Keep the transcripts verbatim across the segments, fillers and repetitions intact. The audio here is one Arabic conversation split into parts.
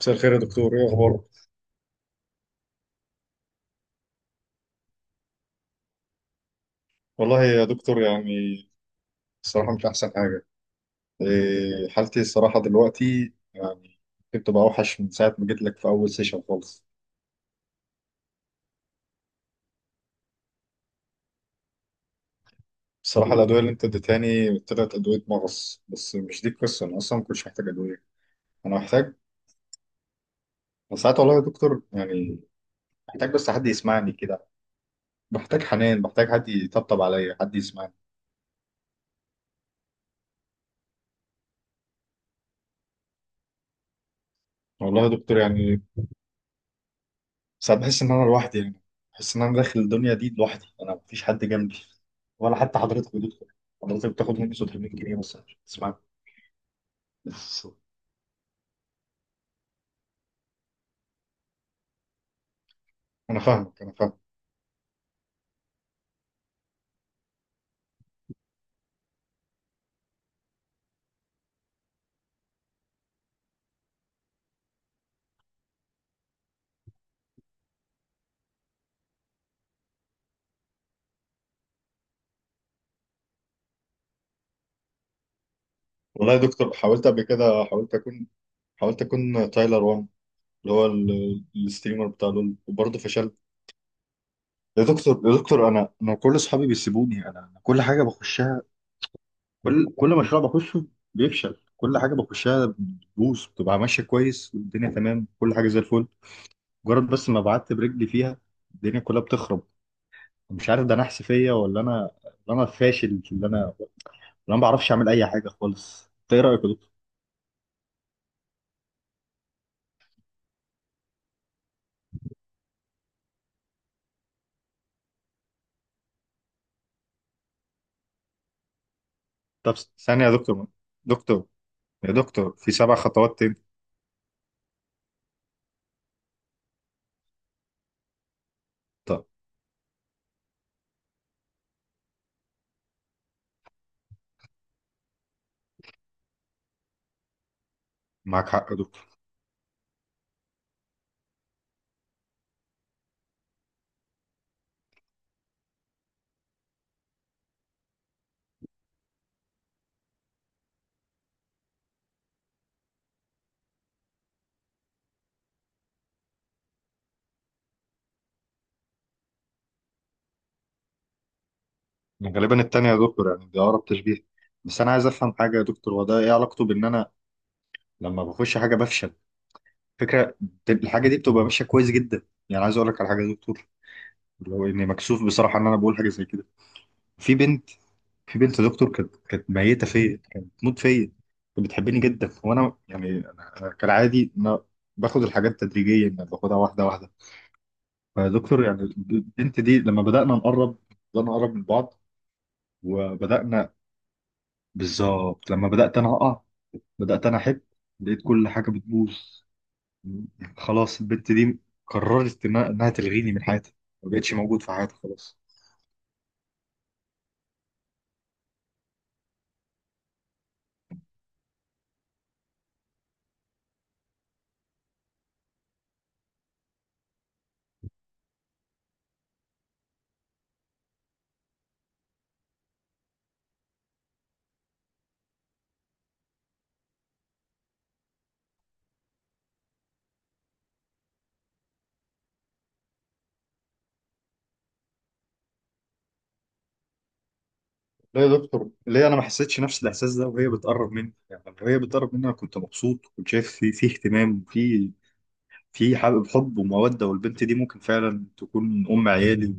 مساء الخير يا دكتور، ايه اخبارك؟ والله يا دكتور، يعني الصراحه مش احسن حاجه. إيه، حالتي الصراحه دلوقتي يعني كنت بقى اوحش من ساعه ما جيت لك في اول سيشن خالص. الصراحه الادويه اللي انت اديتهاني طلعت ادويه مغص، بس مش دي القصه، انا اصلا ما كنتش محتاج ادويه. انا محتاج، أنا ساعات والله يا دكتور يعني محتاج بس حد يسمعني كده. بحتاج حنان، بحتاج حد يطبطب عليا، حد يسمعني. والله يا دكتور يعني ساعات بحس إن أنا لوحدي، يعني بحس إن أنا داخل الدنيا دي لوحدي، أنا مفيش حد جنبي، ولا حتى حضرتك بتدخل. حضرتك بتاخد مني ستمية جنيه مثلا عشان تسمعني بس. أنا فاهمك، أنا فاهم. والله يا دكتور حاولت قبل كده، حاولت أكون، حاولت أكون تايلر وان، اللي هو ال- الستريمر بتاع لول، وبرضه فشلت. يا دكتور، يا دكتور، أنا أنا كل أصحابي بيسيبوني، أنا أنا كل حاجة بخشها، كل كل مشروع بخشه بيفشل، كل حاجة بخشها بتبوظ، بتبقى ماشية كويس والدنيا تمام، كل حاجة زي الفل، مجرد بس ما بعت برجلي فيها الدنيا كلها بتخرب. مش عارف ده انا حسفيه، ولا انا، ولا انا فاشل في اللي انا، ولا انا ما بعرفش اعمل اي حاجه خالص. انت ايه رايك يا دكتور؟ طب، ثانيه يا دكتور، دكتور، يا دكتور، في سبع خطوات تاني. طب، معاك حق يا دكتور. غالبا التانية يا دكتور، يعني دي اقرب تشبيه. بس انا عايز افهم حاجه يا دكتور، هو ده ايه علاقته بان انا لما بخش حاجه بفشل؟ فكره الحاجه دي بتبقى ماشيه كويس جدا. يعني عايز اقول لك على حاجه يا دكتور، اللي هو اني مكسوف بصراحه ان انا بقول حاجه زي كده. في بنت، في بنت دكتور، كانت كانت ميته فيا، كانت بتموت فيا، كانت بتحبني جدا، وانا يعني انا أنا كالعادي، ما باخد الحاجات تدريجيا، يعني باخدها واحده واحده. فدكتور يعني البنت دي لما بدانا نقرب، بدانا نقرب من بعض، وبدانا، بالظبط لما بدات انا اقع، بدات انا احب، لقيت كل حاجه بتبوظ. خلاص البنت دي قررت انها إنها تلغيني من حياتها، ما بقتش موجود في حياتها خلاص. لا يا دكتور، ليه انا ما حسيتش نفس الاحساس ده وهي بتقرب مني؟ يعني لما هي بتقرب مني انا كنت مبسوط، كنت شايف في في اهتمام، في في حب حب وموده، والبنت دي ممكن فعلا تكون ام عيالي،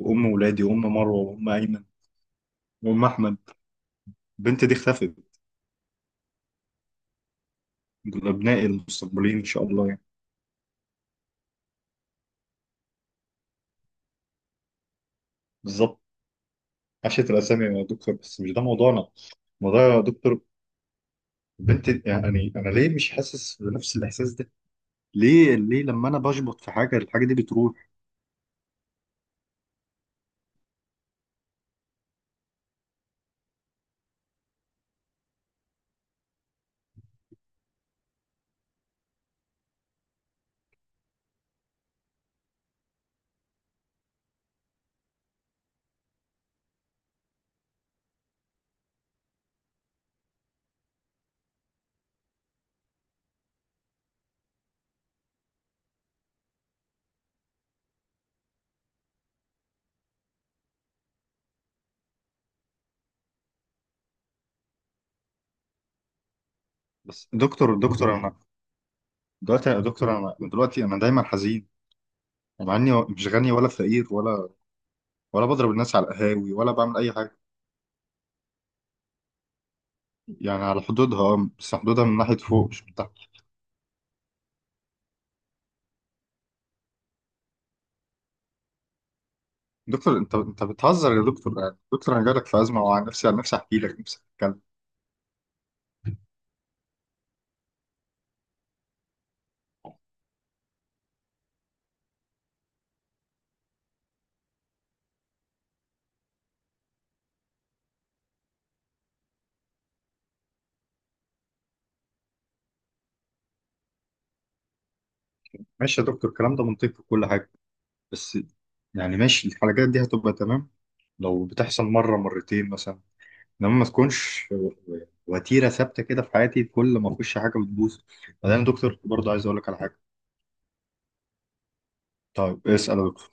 وام ولادي، وام مروه، وام ايمن، وام احمد. البنت دي اختفت. دول ابنائي المستقبليين ان شاء الله يعني. بالظبط، عشت الاسامي يا دكتور، بس مش ده موضوعنا. موضوع يا دكتور، البنت، يعني انا ليه مش حاسس بنفس الاحساس ده؟ ليه، ليه لما انا بشبط في حاجه، الحاجه دي بتروح؟ بس دكتور، دكتور، انا دلوقتي يا دكتور، انا دلوقتي انا دايما حزين، مع اني مش غني ولا فقير، ولا، ولا بضرب الناس على القهاوي، ولا بعمل اي حاجه. يعني على حدودها، آه، بس حدودها من ناحيه فوق مش من تحت. دكتور، انت انت بتهزر يا دكتور؟ يعني دكتور انا جالك في ازمه، وعن نفسي، عن نفسي احكي لك، نفسي اتكلم. ماشي يا دكتور، الكلام ده منطقي وكل حاجه، بس يعني ماشي الحلقات دي هتبقى تمام لو بتحصل مره مرتين مثلا، انما ما تكونش وتيره ثابته كده في حياتي، كل ما اخش حاجه بتبوظ. بعدين يا دكتور برضه عايز اقول لك على حاجه. طيب اسال يا دكتور.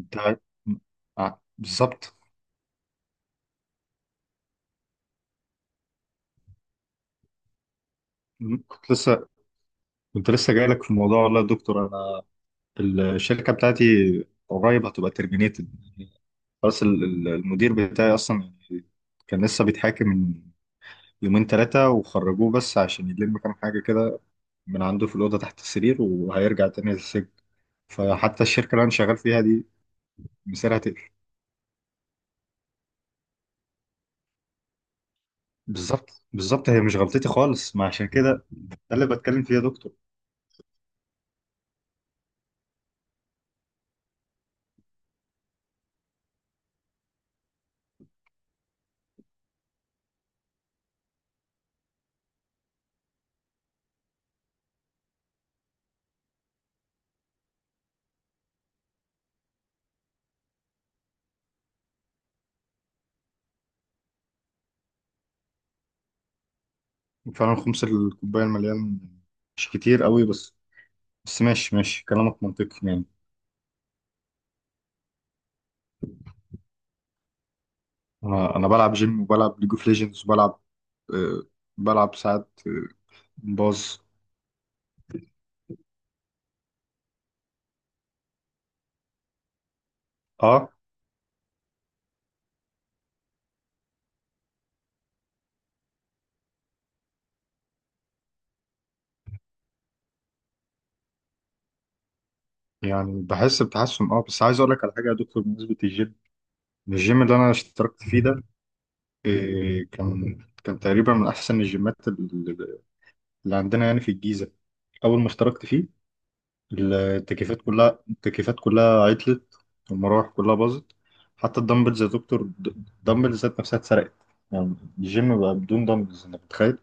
انت، آه، بالظبط. كنت لسه كنت لسه جاي لك في الموضوع، والله يا دكتور انا الشركه بتاعتي قريب هتبقى ترمينيتد، خلاص ال- ال- المدير بتاعي اصلا كان لسه بيتحاكم من يومين ثلاثه، وخرجوه بس عشان يلم كام حاجه كده من عنده في الاوضه تحت السرير، وهيرجع تاني للسجن. فحتى الشركه اللي انا شغال فيها دي مصيرها تقفل. بالظبط، بالظبط، هي مش غلطتي خالص، ما عشان كده ده اللي بتكلم فيه يا دكتور. فعلا خمس الكوبايه المليان مش كتير قوي، بس بس ماشي، ماشي كلامك منطقي يعني. انا انا بلعب جيم، وبلعب ليج اوف ليجندز، وبلعب آه، بلعب ساعات آه، باز. اه. يعني بحس بتحسن اه، بس عايز اقول لك على حاجه يا دكتور، بالنسبه للجيم، الجيم اللي انا اشتركت فيه ده، آه كان، كان تقريبا من احسن الجيمات اللي، اللي عندنا يعني في الجيزه. اول ما اشتركت فيه، التكييفات كلها التكييفات كلها عطلت، والمراوح كلها باظت. حتى الدمبلز يا دكتور، د- الدمبلز ذات نفسها اتسرقت، يعني الجيم بقى بدون دمبلز، انت متخيل؟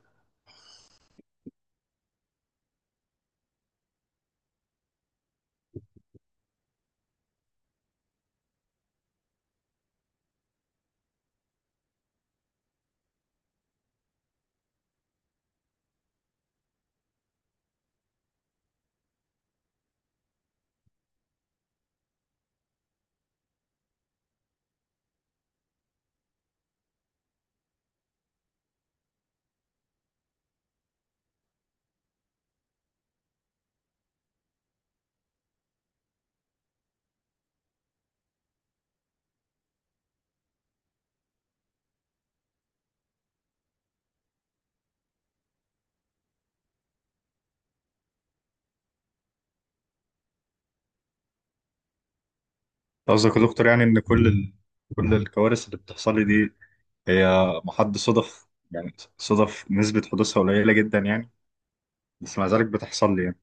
قصدك يا دكتور يعني ان كل ال... كل الكوارث اللي بتحصل لي دي هي محض صدف، يعني صدف نسبة حدوثها قليلة جدا يعني، بس مع ذلك بتحصل لي يعني.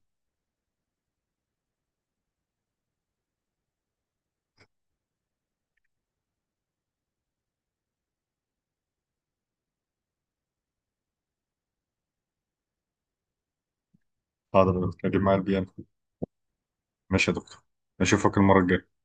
هقدر اجيب معايا بي ام. ماشي يا دكتور، اشوفك المرة الجاية.